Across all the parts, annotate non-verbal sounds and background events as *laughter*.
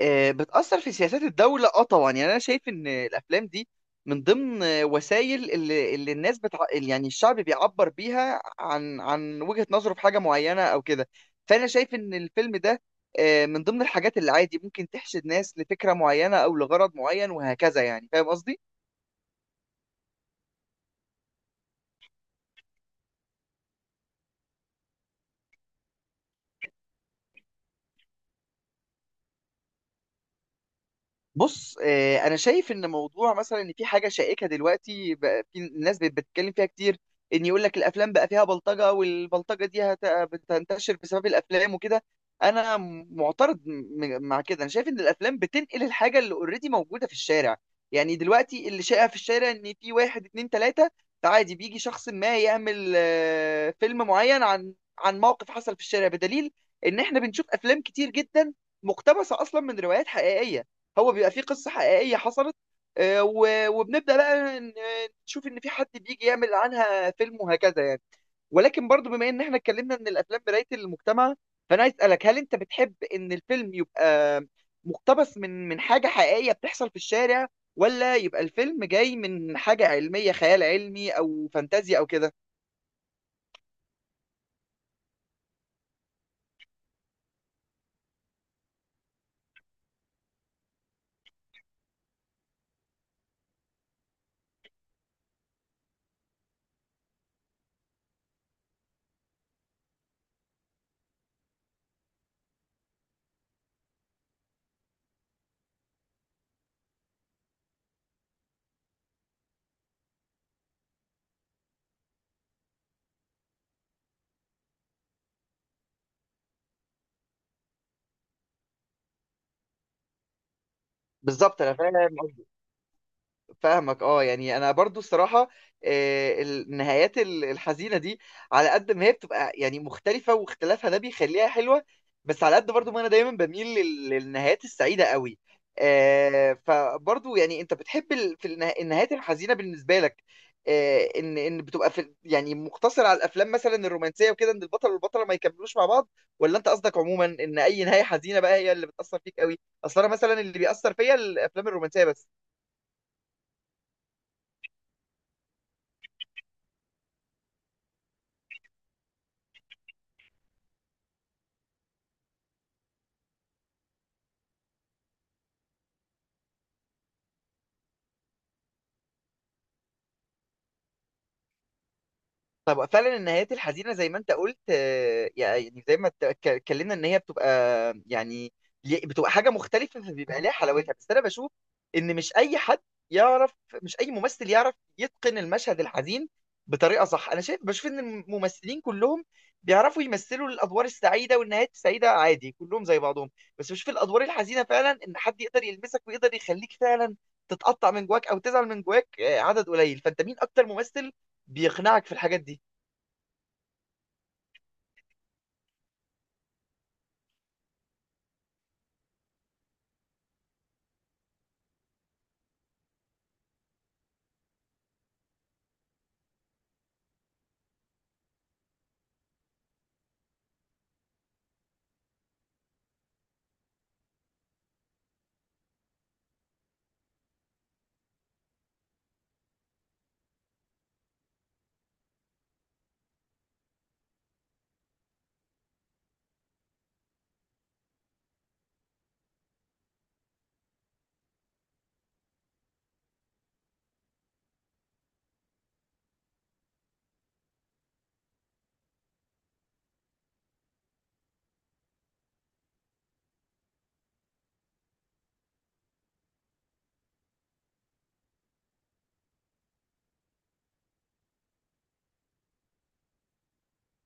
بتأثر في سياسات الدولة طبعا، يعني انا شايف ان الافلام دي من ضمن وسائل اللي الناس يعني الشعب بيعبر بيها عن وجهة نظره في حاجة معينة او كده. فانا شايف ان الفيلم ده من ضمن الحاجات اللي عادي ممكن تحشد ناس لفكرة معينة او لغرض معين، وهكذا، يعني فاهم قصدي. بص، انا شايف ان موضوع مثلا ان في حاجه شائكه دلوقتي، بقى في الناس بتتكلم فيها كتير، ان يقول لك الافلام بقى فيها بلطجه، والبلطجه دي بتنتشر بسبب الافلام وكده. انا معترض مع كده. انا شايف ان الافلام بتنقل الحاجه اللي اوريدي موجوده في الشارع. يعني دلوقتي اللي شائع في الشارع ان في واحد اتنين تلاته، عادي بيجي شخص ما يعمل فيلم معين عن موقف حصل في الشارع، بدليل ان احنا بنشوف افلام كتير جدا مقتبسه اصلا من روايات حقيقيه. هو بيبقى فيه قصة حقيقية حصلت، آه، و- وبنبدأ بقى نشوف إن في حد بيجي يعمل عنها فيلم، وهكذا يعني. ولكن برضو بما إن إحنا اتكلمنا إن الأفلام مراية المجتمع، فأنا عايز أسألك، هل أنت بتحب إن الفيلم يبقى مقتبس من حاجة حقيقية بتحصل في الشارع، ولا يبقى الفيلم جاي من حاجة علمية، خيال علمي أو فانتازيا أو كده؟ بالظبط، أنا فاهم، فاهمك. اه يعني انا برضو الصراحه، النهايات الحزينه دي، على قد ما هي بتبقى يعني مختلفه، واختلافها ده بيخليها حلوه، بس على قد برضو ما انا دايما بميل للنهايات السعيده قوي. فبرضو، يعني انت بتحب في النهايات الحزينه بالنسبه لك، ان بتبقى في يعني مقتصر على الافلام مثلا الرومانسيه وكده، ان البطل والبطله ما يكملوش مع بعض، ولا انت قصدك عموما ان اي نهايه حزينه بقى هي اللي بتاثر فيك قوي؟ اصل انا مثلا اللي بيأثر فيا الافلام الرومانسيه بس. طب فعلا النهايات الحزينه زي ما انت قلت، يعني زي ما اتكلمنا ان هي بتبقى، يعني بتبقى حاجه مختلفه، فبيبقى ليها حلاوتها. بس انا بشوف ان مش اي حد يعرف، مش اي ممثل يعرف يتقن المشهد الحزين بطريقه صح. انا شايف، بشوف ان الممثلين كلهم بيعرفوا يمثلوا الادوار السعيده والنهايات السعيده عادي، كلهم زي بعضهم، بس بشوف الادوار الحزينه، فعلا ان حد يقدر يلمسك ويقدر يخليك فعلا تتقطع من جواك او تزعل من جواك، عدد قليل. فانت مين اكتر ممثل بيقنعك في الحاجات دي؟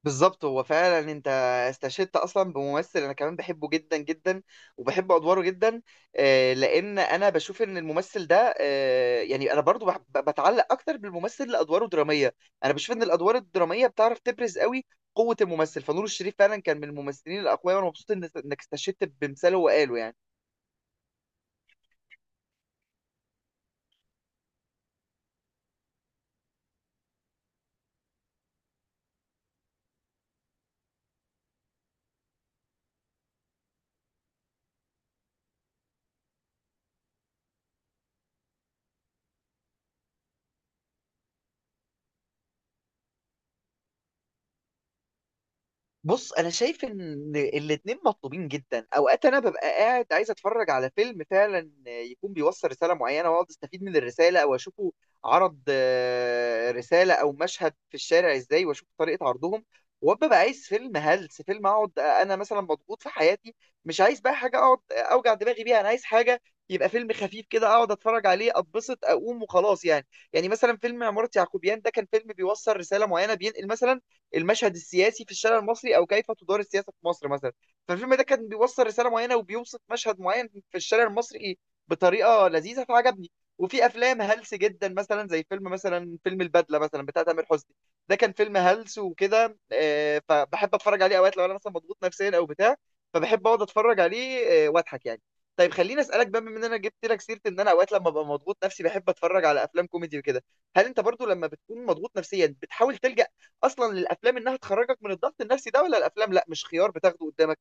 بالظبط، هو فعلا انت استشهدت اصلا بممثل انا كمان بحبه جدا جدا، وبحب ادواره جدا. لان انا بشوف ان الممثل ده، يعني انا برضو بتعلق اكتر بالممثل لادواره دراميه. انا بشوف ان الادوار الدراميه بتعرف تبرز قوي قوه الممثل، فنور الشريف فعلا كان من الممثلين الاقوياء، وانا مبسوط انك استشهدت بمثاله وقاله يعني. بص، انا شايف ان الاتنين مطلوبين جدا. اوقات انا ببقى قاعد عايز اتفرج على فيلم فعلا يكون بيوصل رساله معينه، واقعد استفيد من الرساله، او اشوفه عرض رساله او مشهد في الشارع ازاي، واشوف طريقه عرضهم. وببقى عايز فيلم هلس، فيلم اقعد انا مثلا مضغوط في حياتي، مش عايز بقى حاجه اقعد اوجع دماغي بيها، انا عايز حاجه، يبقى فيلم خفيف كده، اقعد اتفرج عليه اتبسط اقوم وخلاص يعني. يعني مثلا فيلم عمارة يعقوبيان ده كان فيلم بيوصل رساله معينه، بينقل مثلا المشهد السياسي في الشارع المصري، او كيف تدار السياسه في مصر مثلا. فالفيلم ده كان بيوصل رساله معينه وبيوصف مشهد معين في الشارع المصري بطريقه لذيذه فعجبني. وفي افلام هلس جدا، مثلا زي فيلم مثلا، فيلم البدله مثلا بتاع تامر حسني، ده كان فيلم هلس وكده، فبحب اتفرج عليه اوقات لو انا مثلا مضغوط نفسيا او بتاع، فبحب اقعد اتفرج عليه واضحك يعني. طيب خليني اسالك بقى، بما ان انا جبت لك سيره ان انا اوقات لما ببقى مضغوط نفسي بحب اتفرج على افلام كوميدي وكده، هل انت برضو لما بتكون مضغوط نفسيا بتحاول تلجأ اصلا للافلام انها تخرجك من الضغط النفسي ده، ولا الافلام لا مش خيار بتاخده قدامك؟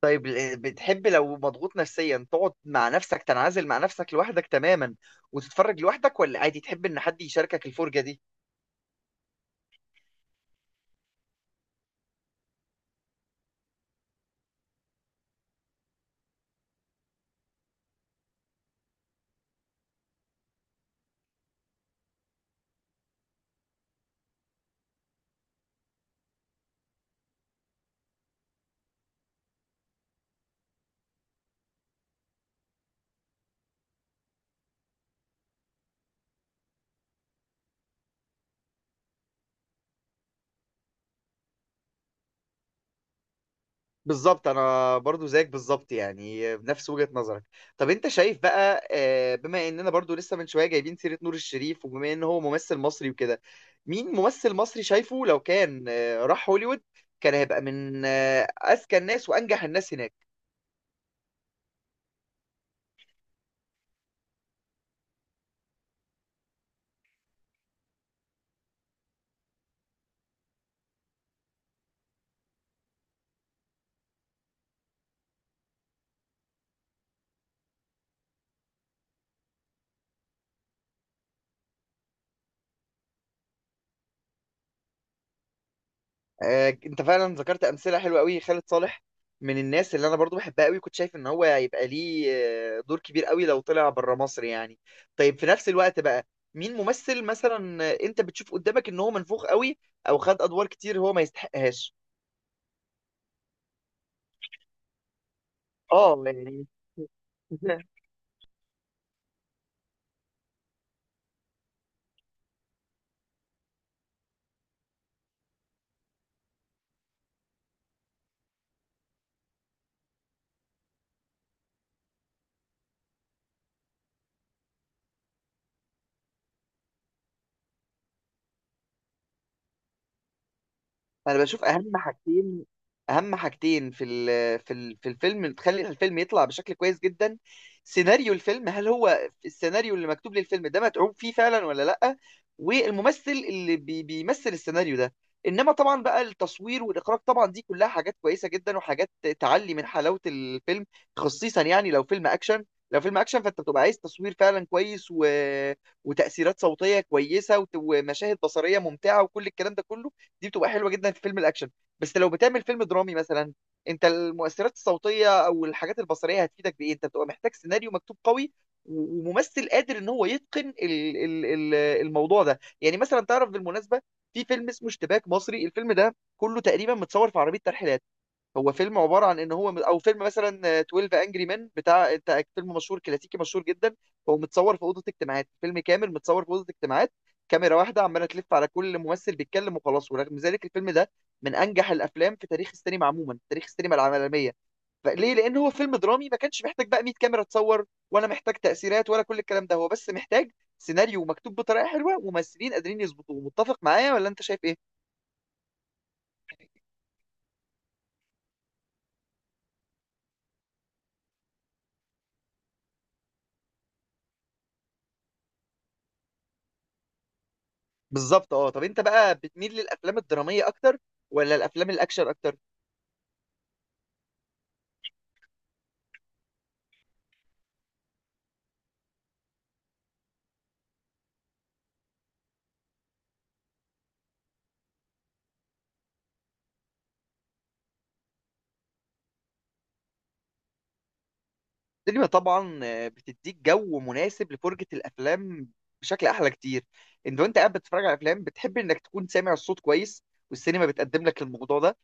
طيب، بتحب لو مضغوط نفسيا تقعد مع نفسك، تنعزل مع نفسك لوحدك تماما، وتتفرج لوحدك، ولا عادي تحب ان حد يشاركك الفرجة دي؟ بالظبط، انا برضو زيك بالظبط يعني، بنفس وجهة نظرك. طب انت شايف بقى، بما اننا برضو لسه من شوية جايبين سيرة نور الشريف، وبما ان هو ممثل مصري وكده، مين ممثل مصري شايفه لو كان راح هوليوود كان هيبقى من اذكى الناس وانجح الناس هناك؟ انت فعلا ذكرت امثله حلوه قوي. خالد صالح من الناس اللي انا برضو بحبها قوي، كنت شايف ان هو هيبقى ليه دور كبير قوي لو طلع بره مصر يعني. طيب، في نفس الوقت بقى، مين ممثل مثلا انت بتشوف قدامك ان هو منفوخ قوي، او خد ادوار كتير هو ما يستحقهاش؟ اه، يعني. *laughs* انا بشوف اهم حاجتين، اهم حاجتين في ال في ال في الفيلم تخلي الفيلم يطلع بشكل كويس جدا: سيناريو الفيلم، هل هو السيناريو اللي مكتوب للفيلم ده متعوب فيه فعلا ولا لا، والممثل اللي بيمثل السيناريو ده. انما طبعا بقى التصوير والاخراج، طبعا دي كلها حاجات كويسه جدا، وحاجات تعلي من حلاوه الفيلم، خصيصا يعني لو فيلم اكشن. لو فيلم اكشن، فانت بتبقى عايز تصوير فعلا كويس و... وتاثيرات صوتيه كويسه وت- ومشاهد بصريه ممتعه وكل الكلام ده كله، دي بتبقى حلوه جدا في فيلم الاكشن. بس لو بتعمل فيلم درامي مثلا، انت المؤثرات الصوتيه او الحاجات البصريه هتفيدك بايه؟ انت بتبقى محتاج سيناريو مكتوب قوي و- وممثل قادر ان هو يتقن الموضوع ده، يعني مثلا تعرف بالمناسبه، في فيلم اسمه اشتباك مصري، الفيلم ده كله تقريبا متصور في عربيه ترحيلات، هو فيلم عبارة عن ان هو، او فيلم مثلا 12 انجري مان بتاع انت، فيلم مشهور كلاسيكي مشهور جدا، هو متصور في أوضة اجتماعات، فيلم كامل متصور في أوضة اجتماعات، كاميرا واحدة عمالة تلف على كل ممثل بيتكلم وخلاص، ورغم ذلك الفيلم ده من انجح الافلام في تاريخ السينما عموما، في تاريخ السينما العالمية. فليه؟ لان هو فيلم درامي، ما كانش محتاج بقى 100 كاميرا تصور، ولا محتاج تأثيرات، ولا كل الكلام ده. هو بس محتاج سيناريو مكتوب بطريقة حلوة، وممثلين قادرين يظبطوه. متفق معايا ولا انت شايف ايه؟ بالظبط. اه طب انت بقى بتميل للافلام الدراميه اكتر، ولا الافلام الاكشن اكتر؟ السينما طبعا بتديك جو مناسب لفرجه الافلام بشكل احلى كتير. انت وانت قاعد بتتفرج على الافلام، بتحب انك تكون سامع الصوت كويس، والسينما بتقدم لك الموضوع ده.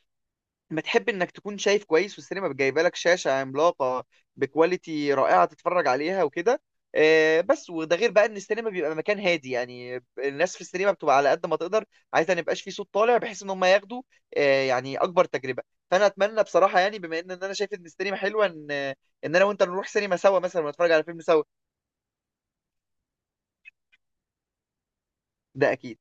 بتحب انك تكون شايف كويس، والسينما جايبه لك شاشه عملاقه بكواليتي رائعه تتفرج عليها وكده. بس وده غير بقى ان السينما بيبقى مكان هادي، يعني الناس في السينما بتبقى على قد ما تقدر عايزه ما يبقاش في صوت طالع، بحيث ان هم ياخدوا يعني اكبر تجربه. فانا اتمنى بصراحه، يعني بما ان انا شايف ان السينما حلوه، ان انا وانت نروح سينما سوا مثلا، ونتفرج على فيلم سوا. ده اكيد.